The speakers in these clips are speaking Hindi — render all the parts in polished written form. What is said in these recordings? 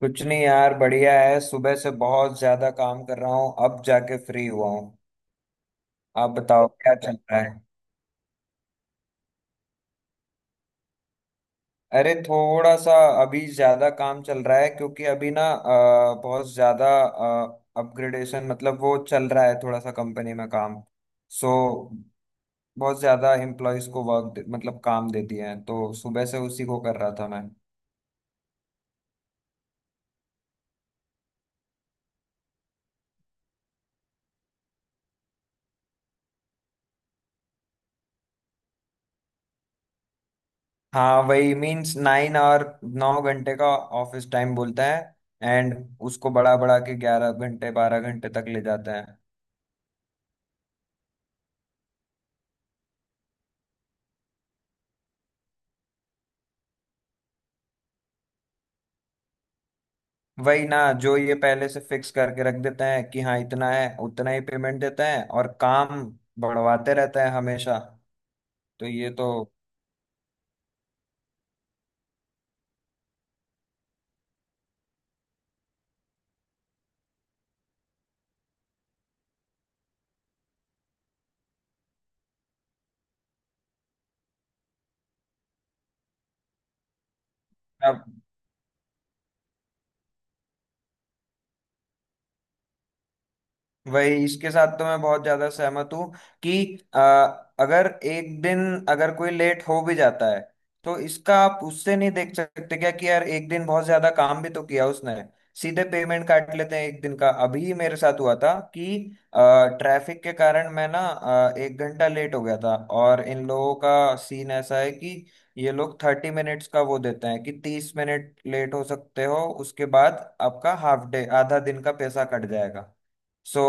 कुछ नहीं यार, बढ़िया है। सुबह से बहुत ज्यादा काम कर रहा हूँ, अब जाके फ्री हुआ हूँ। आप बताओ क्या चल रहा है। अरे थोड़ा सा। अभी ज्यादा काम चल रहा है क्योंकि अभी ना बहुत ज्यादा अपग्रेडेशन मतलब वो चल रहा है थोड़ा सा कंपनी में काम। सो बहुत ज्यादा एम्प्लॉयज को वर्क मतलब काम दे दिए हैं, तो सुबह से उसी को कर रहा था मैं। हाँ, वही मीन्स 9 और 9 घंटे का ऑफिस टाइम बोलता है एंड उसको बढ़ा बढ़ा के 11 घंटे 12 घंटे तक ले जाता है। वही ना। जो ये पहले से फिक्स करके रख देते हैं कि हाँ इतना है, उतना ही पेमेंट देते हैं और काम बढ़वाते रहता है हमेशा। तो ये तो वही, इसके साथ तो मैं बहुत ज्यादा सहमत हूँ कि आ, अगर एक दिन, अगर कोई लेट हो भी जाता है तो इसका आप उससे नहीं देख सकते क्या कि यार एक दिन बहुत ज्यादा काम भी तो किया उसने। सीधे पेमेंट काट लेते हैं एक दिन का। अभी मेरे साथ हुआ था कि ट्रैफिक के कारण मैं ना 1 घंटा लेट हो गया था, और इन लोगों का सीन ऐसा है कि ये लोग 30 मिनट्स का वो देते हैं कि 30 मिनट लेट हो सकते हो। उसके बाद आपका हाफ डे आधा दिन का पैसा कट जाएगा। सो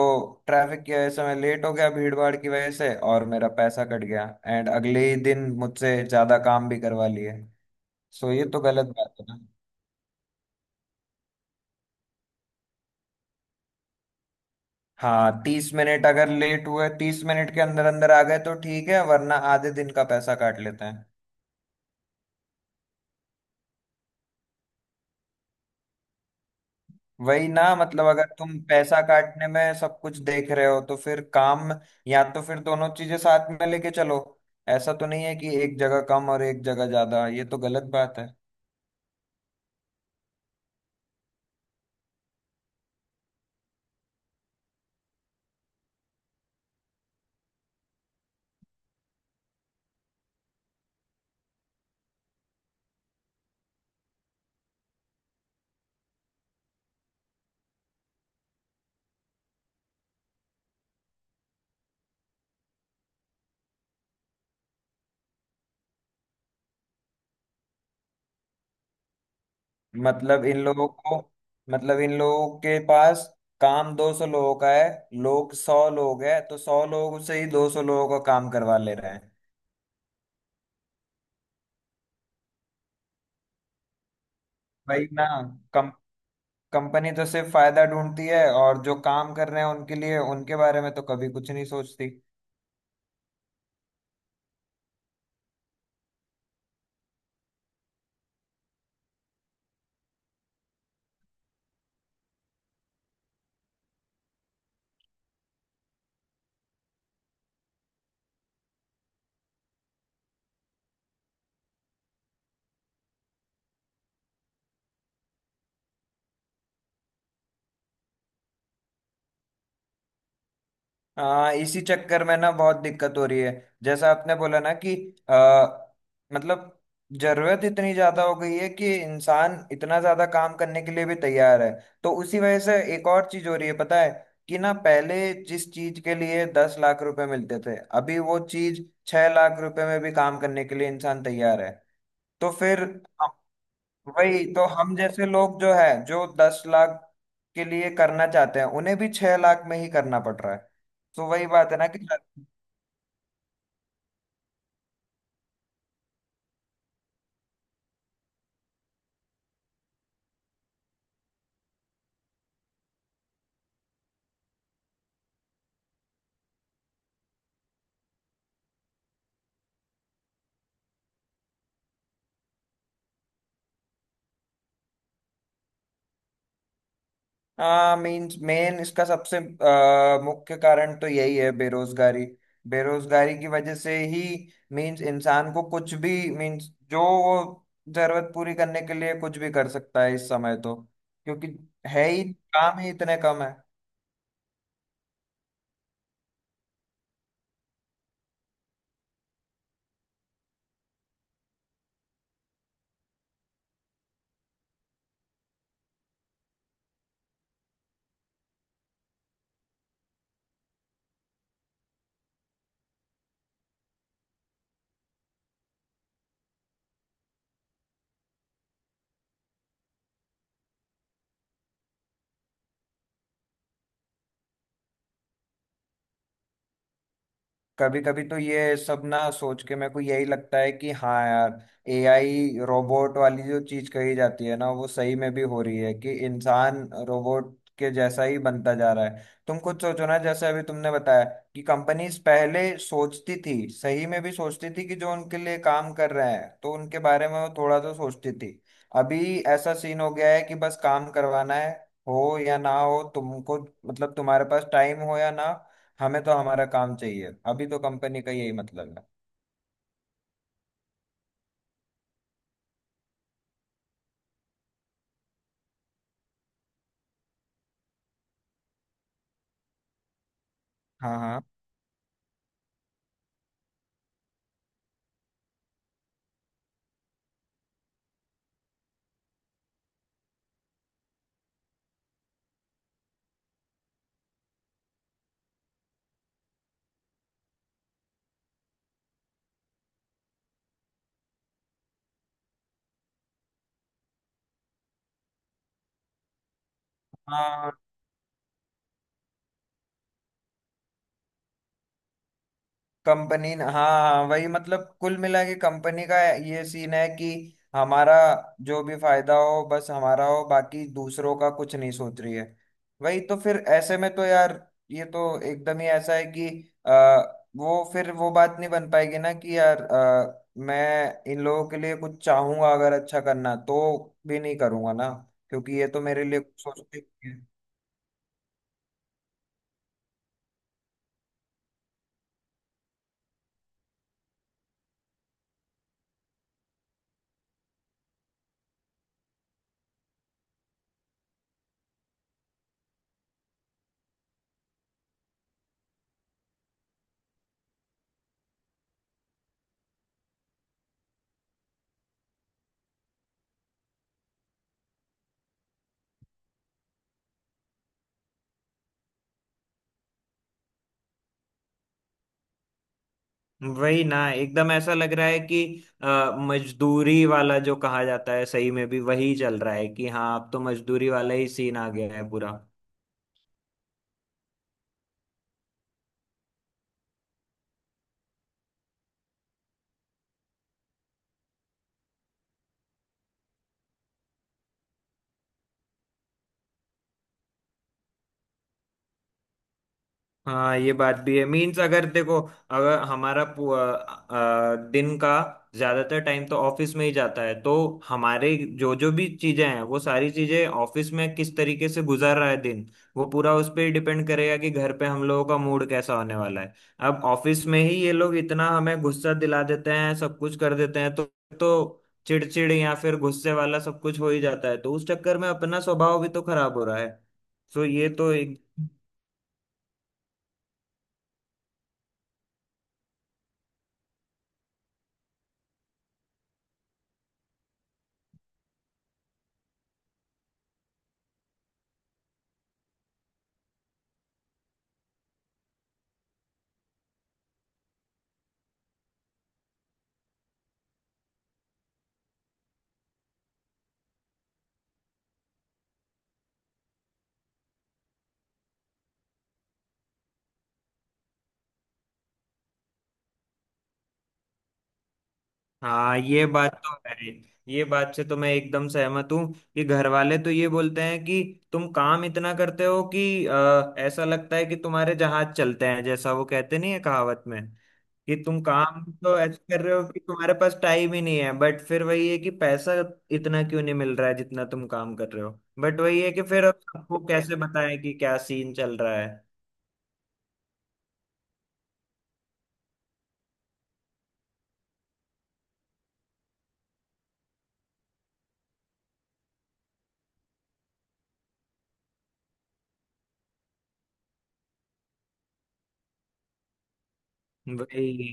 ट्रैफिक की वजह से मैं लेट हो गया, भीड़ भाड़ की वजह से, और मेरा पैसा कट गया एंड अगले ही दिन मुझसे ज्यादा काम भी करवा लिए। सो ये तो गलत बात है ना। हाँ, 30 मिनट अगर लेट हुए, 30 मिनट के अंदर अंदर आ गए तो ठीक है वरना आधे दिन का पैसा काट लेते हैं। वही ना। मतलब अगर तुम पैसा काटने में सब कुछ देख रहे हो तो फिर काम, या तो फिर दोनों चीजें साथ में लेके चलो। ऐसा तो नहीं है कि एक जगह कम और एक जगह ज्यादा, ये तो गलत बात है। मतलब इन लोगों को मतलब इन लोगों के पास काम 200 लोगों का है। लोग 100 लोग हैं तो 100 लोग से ही 200 लोगों का काम करवा ले रहे हैं। भाई ना। कम कंपनी तो सिर्फ फायदा ढूंढती है, और जो काम कर रहे हैं उनके लिए, उनके बारे में तो कभी कुछ नहीं सोचती। हाँ, इसी चक्कर में ना बहुत दिक्कत हो रही है। जैसा आपने बोला ना कि आ, मतलब जरूरत इतनी ज्यादा हो गई है कि इंसान इतना ज्यादा काम करने के लिए भी तैयार है। तो उसी वजह से एक और चीज हो रही है पता है, कि ना पहले जिस चीज के लिए 10 लाख रुपए मिलते थे, अभी वो चीज 6 लाख रुपए में भी काम करने के लिए इंसान तैयार है। तो फिर हम- वही तो, हम जैसे लोग जो है जो 10 लाख के लिए करना चाहते हैं उन्हें भी 6 लाख में ही करना पड़ रहा है। तो वही बात है ना कि हाँ, मेन मेन इसका सबसे मुख्य कारण तो यही है बेरोजगारी। बेरोजगारी की वजह से ही मीन्स इंसान को कुछ भी, मीन्स जो वो जरूरत पूरी करने के लिए कुछ भी कर सकता है इस समय तो। क्योंकि है ही, काम ही इतने कम है। कभी कभी तो ये सब ना सोच के मेरे को यही लगता है कि हाँ यार, एआई रोबोट वाली जो चीज कही जाती है ना वो सही में भी हो रही है कि इंसान रोबोट के जैसा ही बनता जा रहा है। तुम खुद सोचो ना, जैसे अभी तुमने बताया कि कंपनीज पहले सोचती थी, सही में भी सोचती थी कि जो उनके लिए काम कर रहे हैं तो उनके बारे में वो थोड़ा तो सोचती थी। अभी ऐसा सीन हो गया है कि बस काम करवाना है, हो या ना हो तुमको, मतलब तुम्हारे पास टाइम हो या ना, हमें तो हमारा काम चाहिए, अभी तो कंपनी का यही मतलब है। हाँ, हाँ, हाँ। कंपनी, हाँ, हाँ, वही मतलब कुल मिला के कंपनी का ये सीन है कि हमारा जो भी फायदा हो बस हमारा हो, बाकी दूसरों का कुछ नहीं सोच रही है। वही तो फिर ऐसे में तो यार ये तो एकदम ही ऐसा है कि आ, वो फिर वो बात नहीं बन पाएगी ना कि यार मैं इन लोगों के लिए कुछ चाहूंगा, अगर अच्छा करना तो भी नहीं करूंगा ना, क्योंकि ये तो मेरे लिए कुछ सोचते ही नहीं है। वही ना। एकदम ऐसा लग रहा है कि अ, मजदूरी वाला जो कहा जाता है सही में भी वही चल रहा है कि हाँ अब तो मजदूरी वाला ही सीन आ गया है पूरा। हाँ, ये बात भी है। मीन्स अगर देखो, अगर हमारा पू- अ, अ, दिन का ज्यादातर टाइम तो ऑफिस में ही जाता है, तो हमारे जो जो भी चीजें हैं, वो सारी चीजें ऑफिस में किस तरीके से गुजार रहा है दिन, वो पूरा उस पे डिपेंड करेगा कि घर पे हम लोगों का मूड कैसा होने वाला है। अब ऑफिस में ही ये लोग इतना हमें गुस्सा दिला देते हैं, सब कुछ कर देते हैं, तो चिड़चिड़ या फिर गुस्से वाला सब कुछ हो ही जाता है, तो उस चक्कर में अपना स्वभाव भी तो खराब हो रहा है। सो ये तो हाँ, ये बात तो है। ये बात से तो मैं एकदम सहमत हूँ कि घर वाले तो ये बोलते हैं कि तुम काम इतना करते हो कि ऐसा लगता है कि तुम्हारे जहाज चलते हैं, जैसा वो कहते नहीं है कहावत में। कि तुम काम तो ऐसे कर रहे हो कि तुम्हारे पास टाइम ही नहीं है, बट फिर वही है कि पैसा इतना क्यों नहीं मिल रहा है जितना तुम काम कर रहे हो। बट वही है कि फिर अब सबको कैसे बताएं कि क्या सीन चल रहा है। वही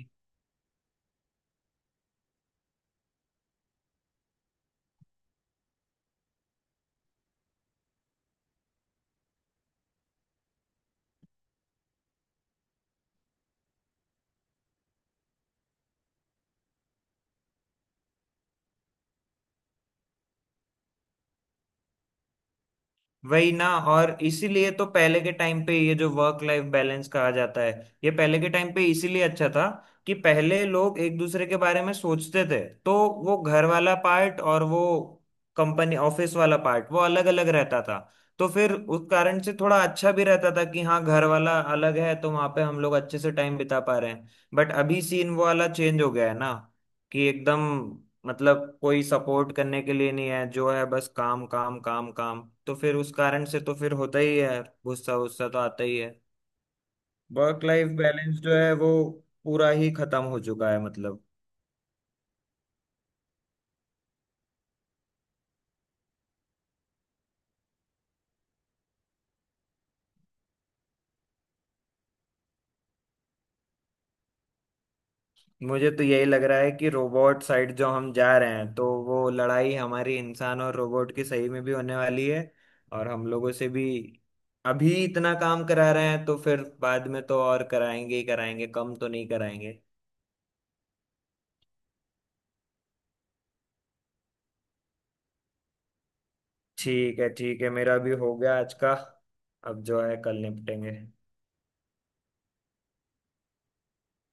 वही ना। और इसीलिए तो पहले के टाइम पे ये जो वर्क लाइफ बैलेंस कहा जाता है, ये पहले के टाइम पे इसीलिए अच्छा था कि पहले लोग एक दूसरे के बारे में सोचते थे। तो वो घर वाला पार्ट और वो कंपनी ऑफिस वाला पार्ट वो अलग अलग रहता था। तो फिर उस कारण से थोड़ा अच्छा भी रहता था कि हाँ घर वाला अलग है तो वहां पे हम लोग अच्छे से टाइम बिता पा रहे हैं। बट अभी सीन वो वाला चेंज हो गया है ना, कि एकदम मतलब कोई सपोर्ट करने के लिए नहीं है, जो है बस काम काम काम काम, तो फिर उस कारण से तो फिर होता ही है, गुस्सा गुस्सा तो आता ही है। वर्क लाइफ बैलेंस जो है वो पूरा ही खत्म हो चुका है मतलब। मुझे तो यही लग रहा है कि रोबोट साइड जो हम जा रहे हैं तो वो लड़ाई हमारी इंसान और रोबोट की सही में भी होने वाली है। और हम लोगों से भी अभी इतना काम करा रहे हैं तो फिर बाद में तो और कराएंगे ही कराएंगे, कम तो नहीं कराएंगे। ठीक है, ठीक है, मेरा भी हो गया आज का। अब जो है कल निपटेंगे।